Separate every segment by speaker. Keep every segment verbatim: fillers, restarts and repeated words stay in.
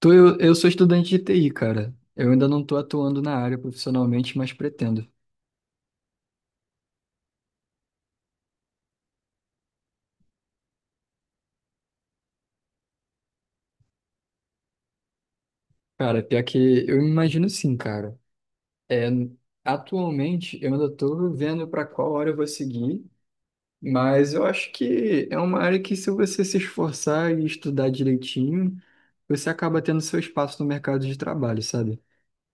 Speaker 1: tu eu, eu sou estudante de T I, cara. Eu ainda não tô atuando na área profissionalmente, mas pretendo. Cara, pior que eu imagino sim, cara. É, atualmente eu ainda tô vendo para qual área eu vou seguir, mas eu acho que é uma área que se você se esforçar e estudar direitinho, você acaba tendo seu espaço no mercado de trabalho, sabe?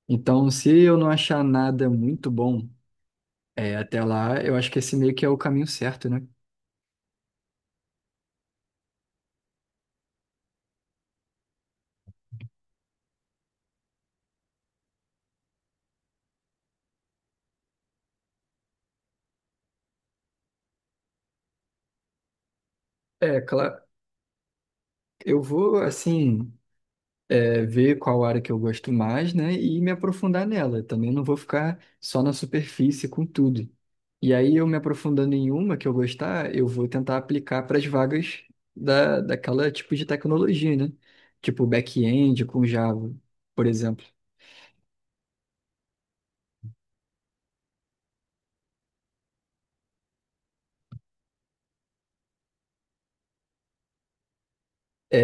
Speaker 1: Então, se eu não achar nada muito bom, é, até lá, eu acho que esse meio que é o caminho certo, né? É, claro. Eu vou, assim. É, ver qual área que eu gosto mais, né, e me aprofundar nela. Também não vou ficar só na superfície com tudo. E aí, eu me aprofundando em uma que eu gostar, eu vou tentar aplicar para as vagas da, daquela tipo de tecnologia, né? Tipo back-end com Java, por exemplo.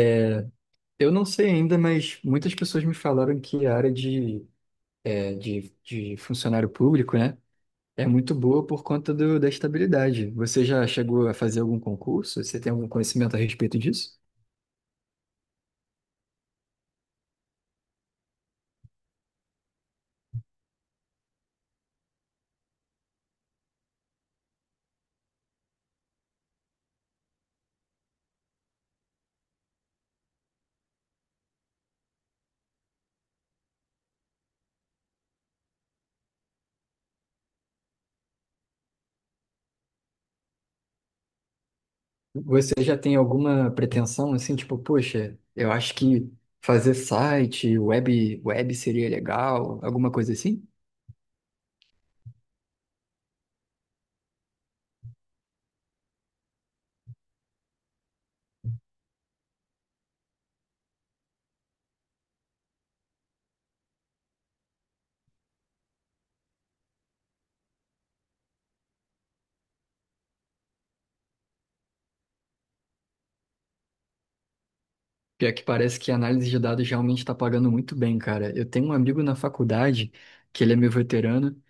Speaker 1: É, Eu não sei ainda, mas muitas pessoas me falaram que a área de, é, de, de funcionário público, né, é muito boa por conta do, da estabilidade. Você já chegou a fazer algum concurso? Você tem algum conhecimento a respeito disso? Você já tem alguma pretensão assim, tipo, poxa, eu acho que fazer site, web, web seria legal, alguma coisa assim? Pior que parece que a análise de dados realmente está pagando muito bem, cara. Eu tenho um amigo na faculdade, que ele é meu veterano,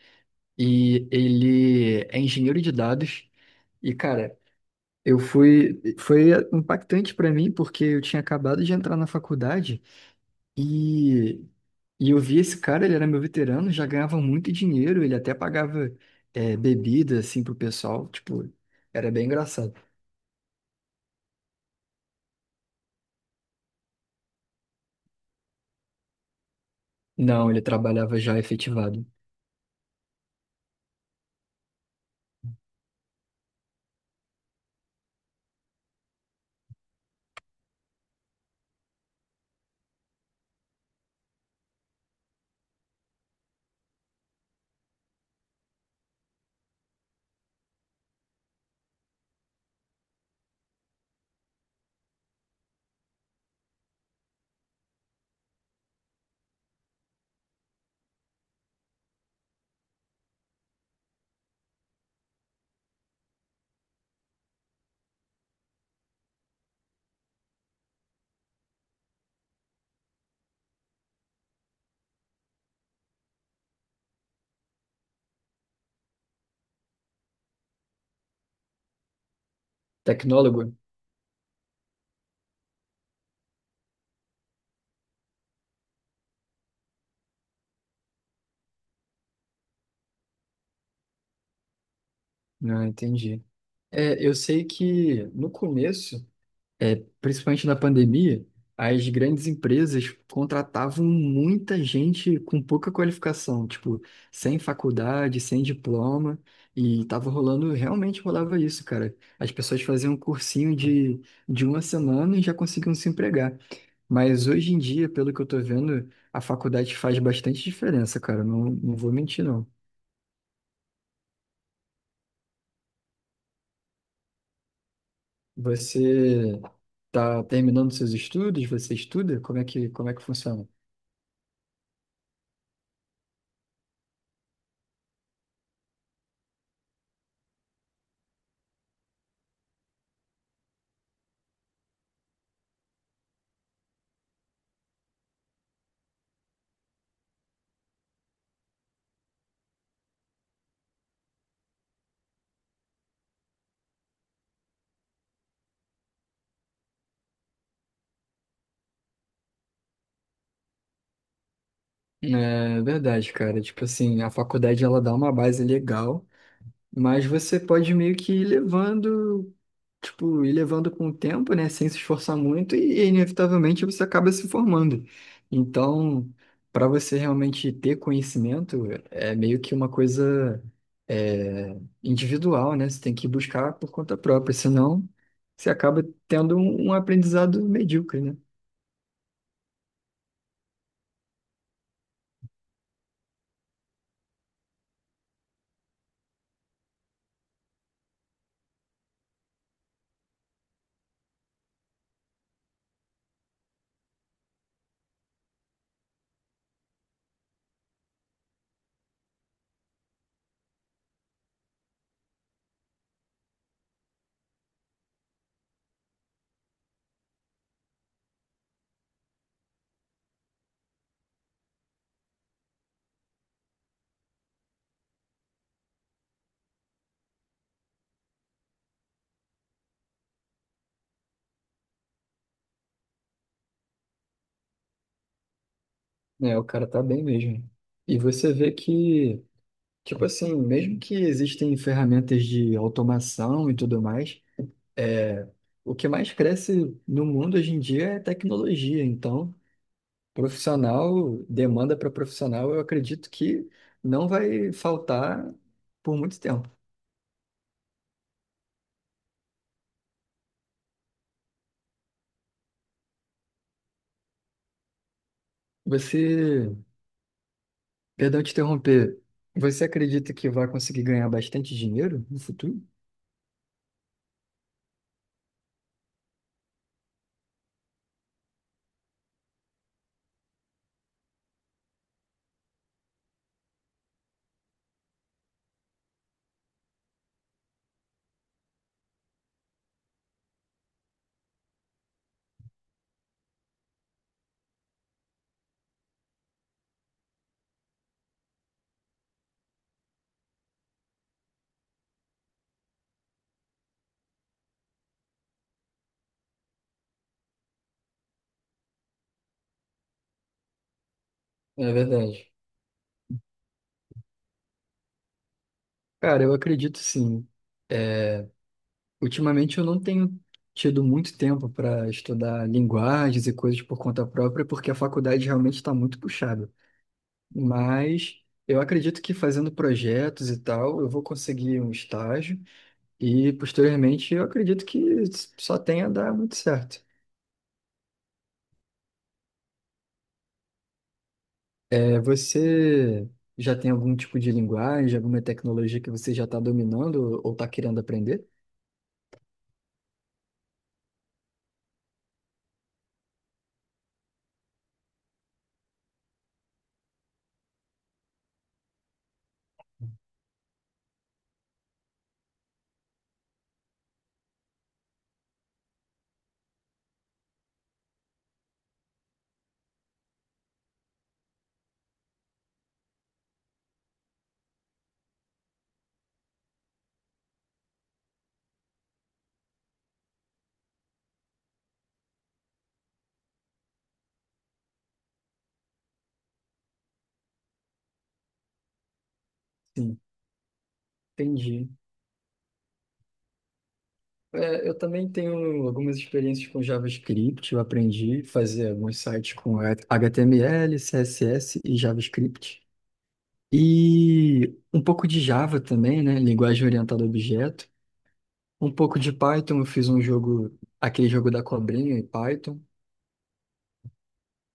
Speaker 1: e ele é engenheiro de dados. E, cara, eu fui. Foi impactante pra mim, porque eu tinha acabado de entrar na faculdade e, e eu vi esse cara, ele era meu veterano, já ganhava muito dinheiro, ele até pagava é, bebida, assim, pro pessoal. Tipo, era bem engraçado. Não, ele trabalhava já efetivado. Tecnólogo? Não, entendi. É, eu sei que no começo. É, Principalmente na pandemia, as grandes empresas contratavam muita gente com pouca qualificação, tipo, sem faculdade, sem diploma, e tava rolando, realmente rolava isso, cara. As pessoas faziam um cursinho de, de uma semana e já conseguiam se empregar. Mas hoje em dia, pelo que eu tô vendo, a faculdade faz bastante diferença, cara. Não, não vou mentir, não. Você tá terminando seus estudos? Você estuda? Como é que, como é que funciona? É verdade, cara. Tipo assim, a faculdade ela dá uma base legal, mas você pode meio que ir levando, tipo, ir levando com o tempo, né? Sem se esforçar muito e inevitavelmente você acaba se formando. Então, para você realmente ter conhecimento, é meio que uma coisa é, individual, né? Você tem que buscar por conta própria, senão você acaba tendo um, um aprendizado medíocre, né? É, o cara tá bem mesmo. E você vê que tipo assim, mesmo que existem ferramentas de automação e tudo mais, o que mais cresce no mundo hoje em dia é tecnologia. Então, profissional, demanda para profissional, eu acredito que não vai faltar por muito tempo. Você, perdão te interromper, você acredita que vai conseguir ganhar bastante dinheiro no futuro? É verdade. Cara, eu acredito sim. Ultimamente eu não tenho tido muito tempo para estudar linguagens e coisas por conta própria, porque a faculdade realmente está muito puxada. Mas eu acredito que fazendo projetos e tal, eu vou conseguir um estágio e posteriormente eu acredito que só tenha a dar muito certo. É, você já tem algum tipo de linguagem, alguma tecnologia que você já está dominando ou está querendo aprender? Sim, entendi. É, eu também tenho algumas experiências com JavaScript. Eu aprendi a fazer alguns sites com H T M L, C S S e JavaScript. E um pouco de Java também, né? Linguagem orientada a objeto. Um pouco de Python. Eu fiz um jogo, aquele jogo da cobrinha em Python.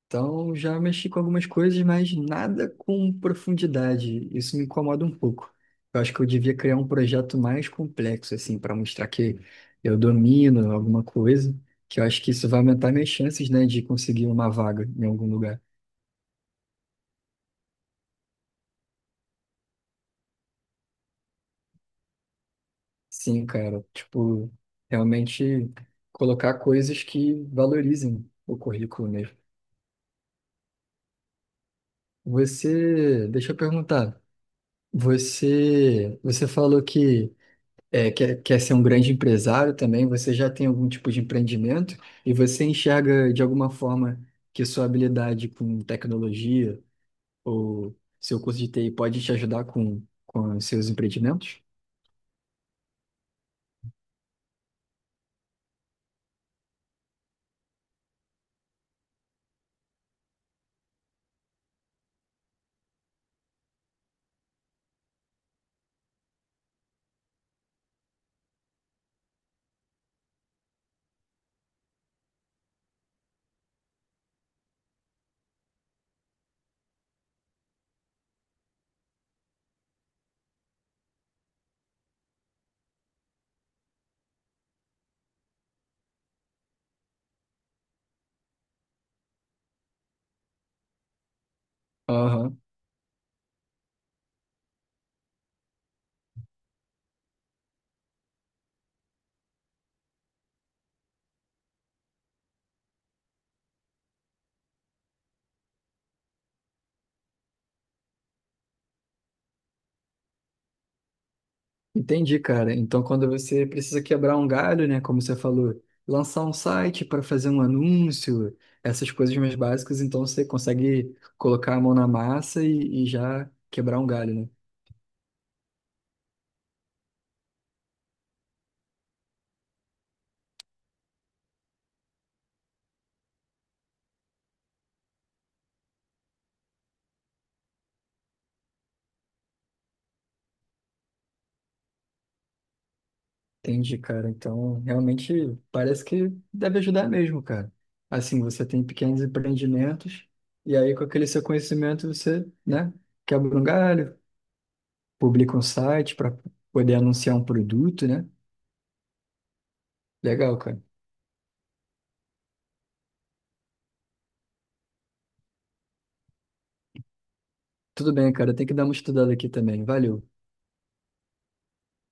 Speaker 1: Então, já mexi com algumas coisas, mas nada com profundidade. Isso me incomoda um pouco. Eu acho que eu devia criar um projeto mais complexo, assim, para mostrar que eu domino alguma coisa, que eu acho que isso vai aumentar minhas chances, né, de conseguir uma vaga em algum lugar. Sim, cara, tipo, realmente colocar coisas que valorizem o currículo mesmo. Você, deixa eu perguntar, você, você falou que é, quer, quer ser um grande empresário também, você já tem algum tipo de empreendimento e você enxerga de alguma forma que sua habilidade com tecnologia ou seu curso de T I pode te ajudar com, com os seus empreendimentos? Aham. Entendi, cara. Então, quando você precisa quebrar um galho, né, como você falou, lançar um site para fazer um anúncio, essas coisas mais básicas, então você consegue colocar a mão na massa e, e já quebrar um galho, né? Entendi, cara. Então, realmente parece que deve ajudar mesmo, cara. Assim, você tem pequenos empreendimentos e aí com aquele seu conhecimento você, né, quebra um galho, publica um site para poder anunciar um produto, né? Legal, cara. Tudo bem, cara. Tem que dar uma estudada aqui também. Valeu.